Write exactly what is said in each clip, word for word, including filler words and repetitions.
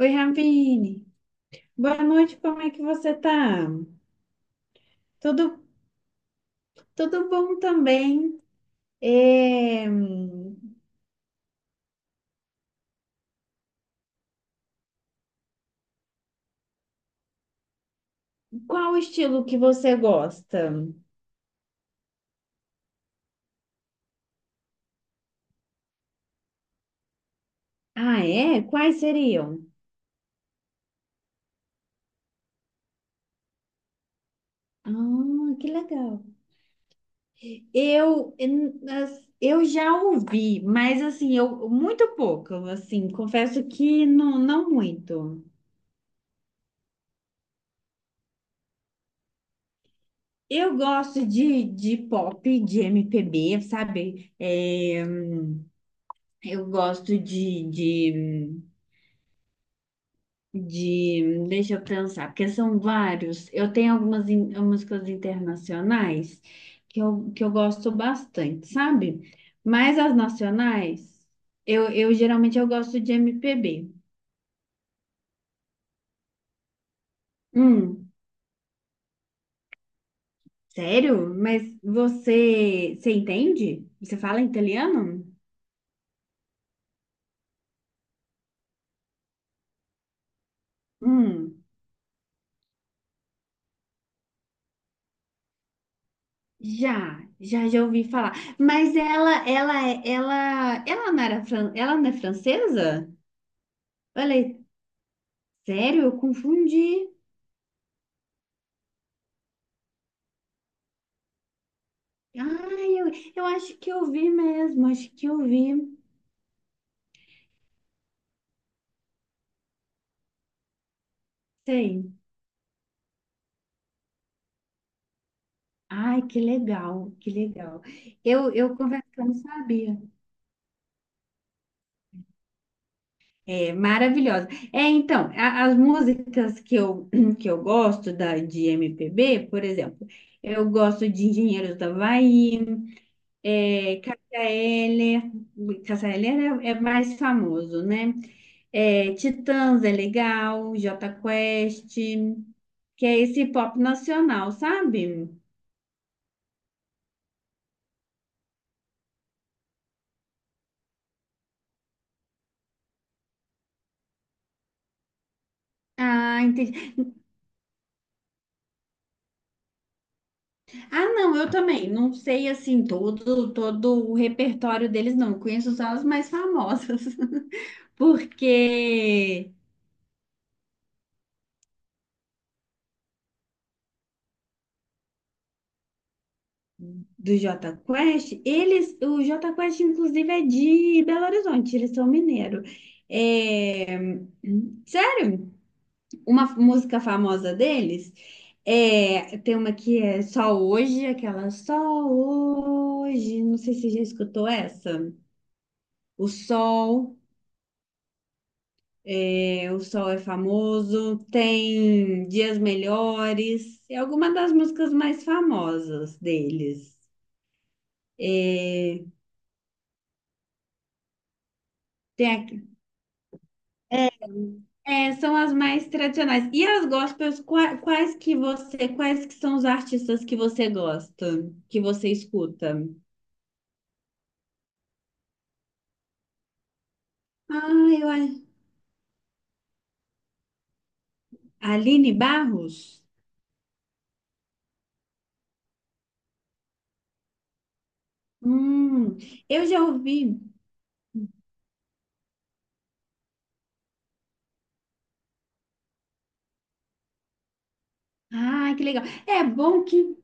Oi, Ravine. Boa noite, como é que você tá? Tudo, tudo bom também? É, Qual o estilo que você gosta? Ah, é? Quais seriam? Ah, que legal. Eu, em- as- eu já ouvi, mas assim, eu muito pouco, assim, confesso que não, não muito. Eu gosto de, de pop, de M P B, sabe? É, eu gosto de, de de, deixa eu pensar, porque são vários. Eu tenho algumas in- músicas internacionais que eu, que eu gosto bastante, sabe? Mas as nacionais, eu, eu geralmente eu gosto de M P B. Hum, sério? Mas você, você entende? Você fala italiano? Hum, já, já já ouvi falar. Mas ela, ela, é- ela, ela não era, fran- ela não é francesa? Olha, sério? Eu confundi. Ai, eu, eu acho que eu vi mesmo, acho que eu vi. Sei. Ai, que legal, que legal. Eu, eu confesso que eu não sabia. É maravilhosa. É, então, a- as músicas que eu, que eu gosto da, de M P B, por exemplo, eu gosto de Engenheiros do Havaí, é, Cássia Eller, Cássia Eller é, é mais famoso, né? É, Titãs é legal, Jota Quest, que é esse pop nacional, sabe? Ah, entendi. Ah, não, eu também. Não sei assim todo todo o repertório deles, não. Eu conheço só as mais famosas. Porque do Jota Quest, eles, o Jota Quest, inclusive, é de Belo Horizonte, eles são mineiros. É... Uma música famosa deles é, tem uma que é Só Hoje, aquela Só Hoje, não sei se você já escutou essa. O Sol, é, o Sol é famoso, tem Dias Melhores, é alguma das músicas mais famosas deles. É, tem aqui, é, é, são as mais tradicionais. E as gospels, qua- quais que você, quais que são os artistas que você gosta, que você escuta? Ah, eu acho. Aline Barros? Hum, eu já ouvi. Ah, que legal. É bom que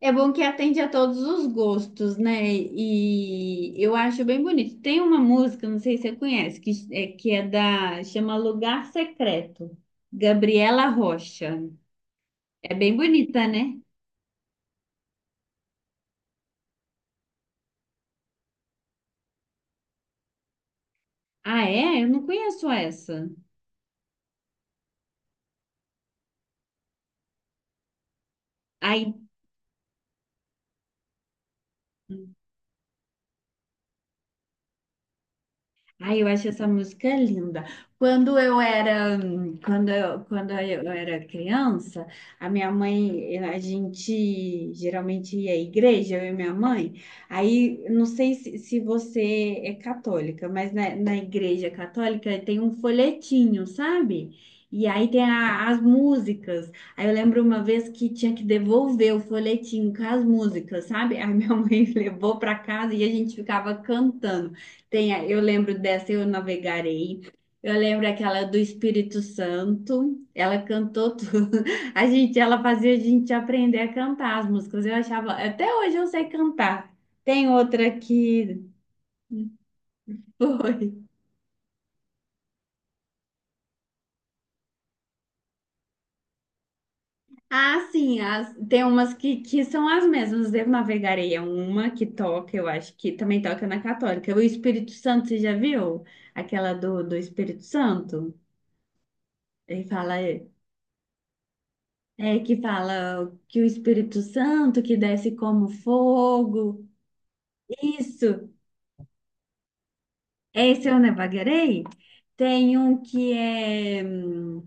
é bom que atende a todos os gostos, né? E eu acho bem bonito. Tem uma música, não sei se você conhece, que é, que é da, chama Lugar Secreto, Gabriela Rocha. É bem bonita, né? Ah, é? Eu não conheço essa. Aí ai, eu acho essa música linda. Quando eu era, quando eu, quando eu era criança, a minha mãe, a gente geralmente ia à igreja, eu e minha mãe. Aí, não sei se, se você é católica, mas na, na igreja católica tem um folhetinho, sabe? E aí tem a- as músicas. Aí eu lembro uma vez que tinha que devolver o folhetinho com as músicas, sabe? Aí minha mãe levou para casa e a gente ficava cantando. Tem, a- eu lembro dessa, eu navegarei. Eu lembro aquela do Espírito Santo. Ela cantou tudo. A gente, ela fazia a gente aprender a cantar as músicas. Eu achava, até hoje eu sei cantar. Tem outra que foi. Ah, sim, as- tem umas que, que são as mesmas. Eu navegarei é uma que toca, eu acho que também toca na Católica. O Espírito Santo, você já viu? Aquela do, do Espírito Santo? Ele fala. É que fala que o Espírito Santo que desce como fogo. Isso. Esse eu não vagueirei. Tem um que é. Hum,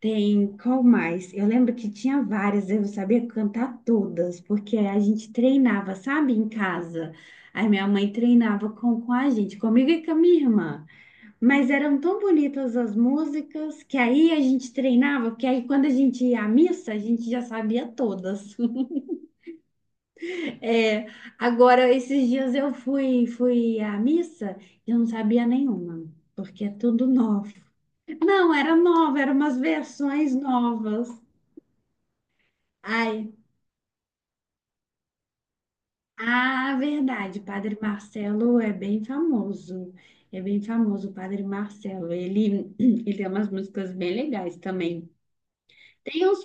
tem qual mais? Eu lembro que tinha várias, eu não sabia cantar todas, porque a gente treinava, sabe, em casa. Aí minha mãe treinava com, com a gente, comigo e com a minha irmã. Mas eram tão bonitas as músicas que aí a gente treinava, porque aí quando a gente ia à missa, a gente já sabia todas. É, agora, esses dias eu fui, fui à missa e eu não sabia nenhuma, porque é tudo novo. Não, era nova, eram umas versões novas. Ai, ah, verdade, Padre Marcelo é bem famoso. É bem famoso o Padre Marcelo. Ele, ele tem umas músicas bem legais também. Tem os,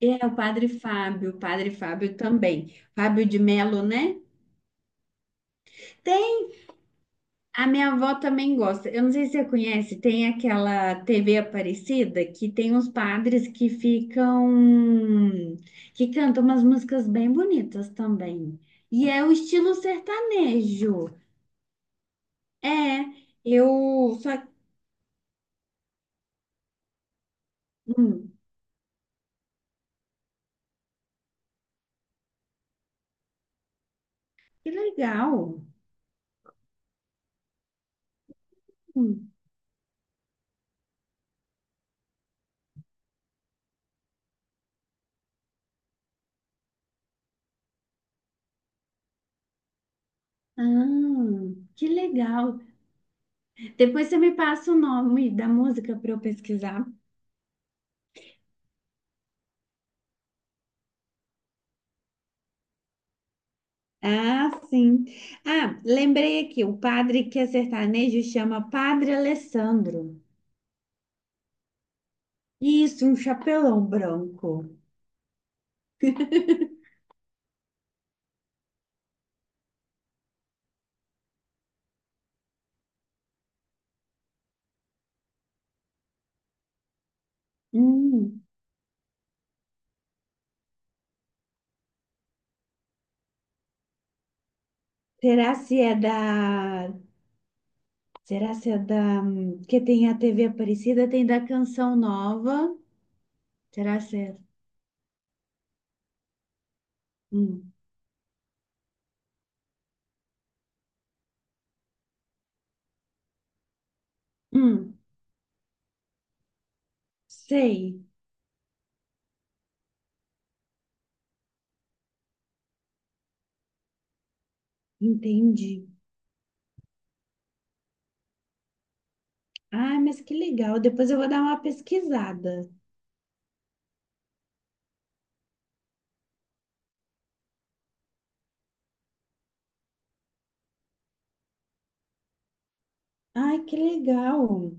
é, o Padre Fábio, o Padre Fábio também. Fábio de Melo, né? Tem a minha avó também gosta. Eu não sei se você conhece, tem aquela T V Aparecida que tem uns padres que ficam, que cantam umas músicas bem bonitas também. E é o estilo sertanejo. É, eu só. Hum, que legal. Hum, Ah, que legal. Depois você me passa o nome da música para eu pesquisar. Ah, sim. Ah, lembrei aqui, o padre que é sertanejo chama Padre Alessandro. Isso, um chapelão branco. Hum, será se é da... Será se é da... hum, que tem a T V Aparecida, tem da Canção Nova. Será se é... Hum, hum, sei, entendi. Ah, mas que legal. Depois eu vou dar uma pesquisada. Ai, que legal.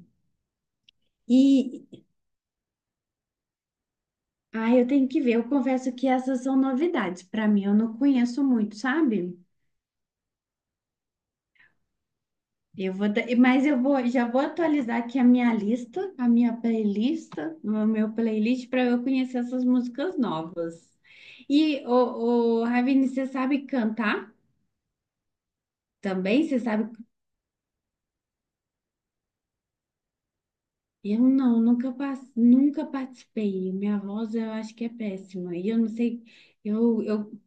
E ah, eu tenho que ver. Eu confesso que essas são novidades. Para mim, eu não conheço muito, sabe? Eu vou, da- mas eu vou, já vou atualizar aqui a minha lista, a minha playlist, o meu playlist para eu conhecer essas músicas novas. E o, Ravine, você sabe cantar também? Você sabe? Eu não, nunca, pas- nunca participei. Minha voz eu acho que é péssima. E eu não sei. Eu, eu,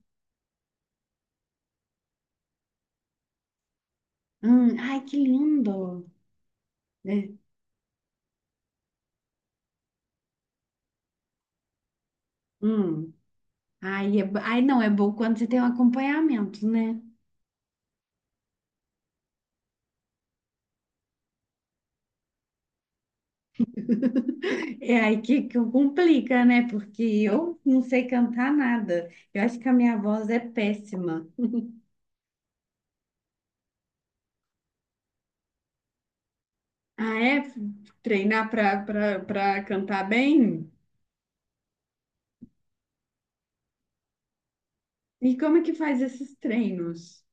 hum, ai, que lindo! Né? Hum. Aí, é, bo- aí não é bom quando você tem um acompanhamento, né? É aí que, que complica, né? Porque eu não sei cantar nada. Eu acho que a minha voz é péssima. Ah, é? Treinar para para para cantar bem? E como é que faz esses treinos?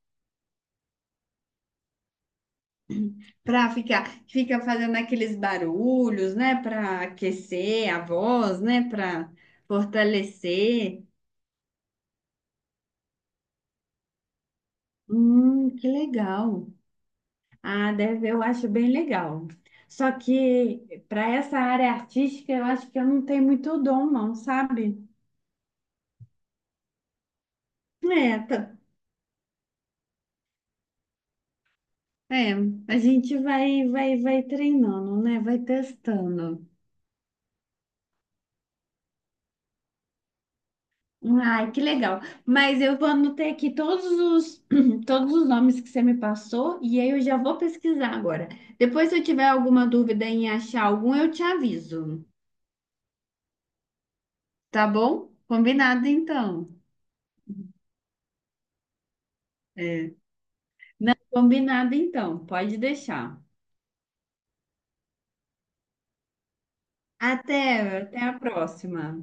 Para ficar, fica fazendo aqueles barulhos, né? Para aquecer a voz, né? Para fortalecer. Hum, que legal. Ah, deve, eu acho bem legal. Só que para essa área artística, eu acho que eu não tenho muito dom, não, sabe? É, tá- é, a gente vai, vai, vai treinando, né? Vai testando. Ai, que legal. Mas eu vou anotar aqui todos os, todos os nomes que você me passou e aí eu já vou pesquisar agora. Depois, se eu tiver alguma dúvida em achar algum, eu te aviso. Tá bom? Combinado então. É. Não, combinado então. Pode deixar. Até, até a próxima.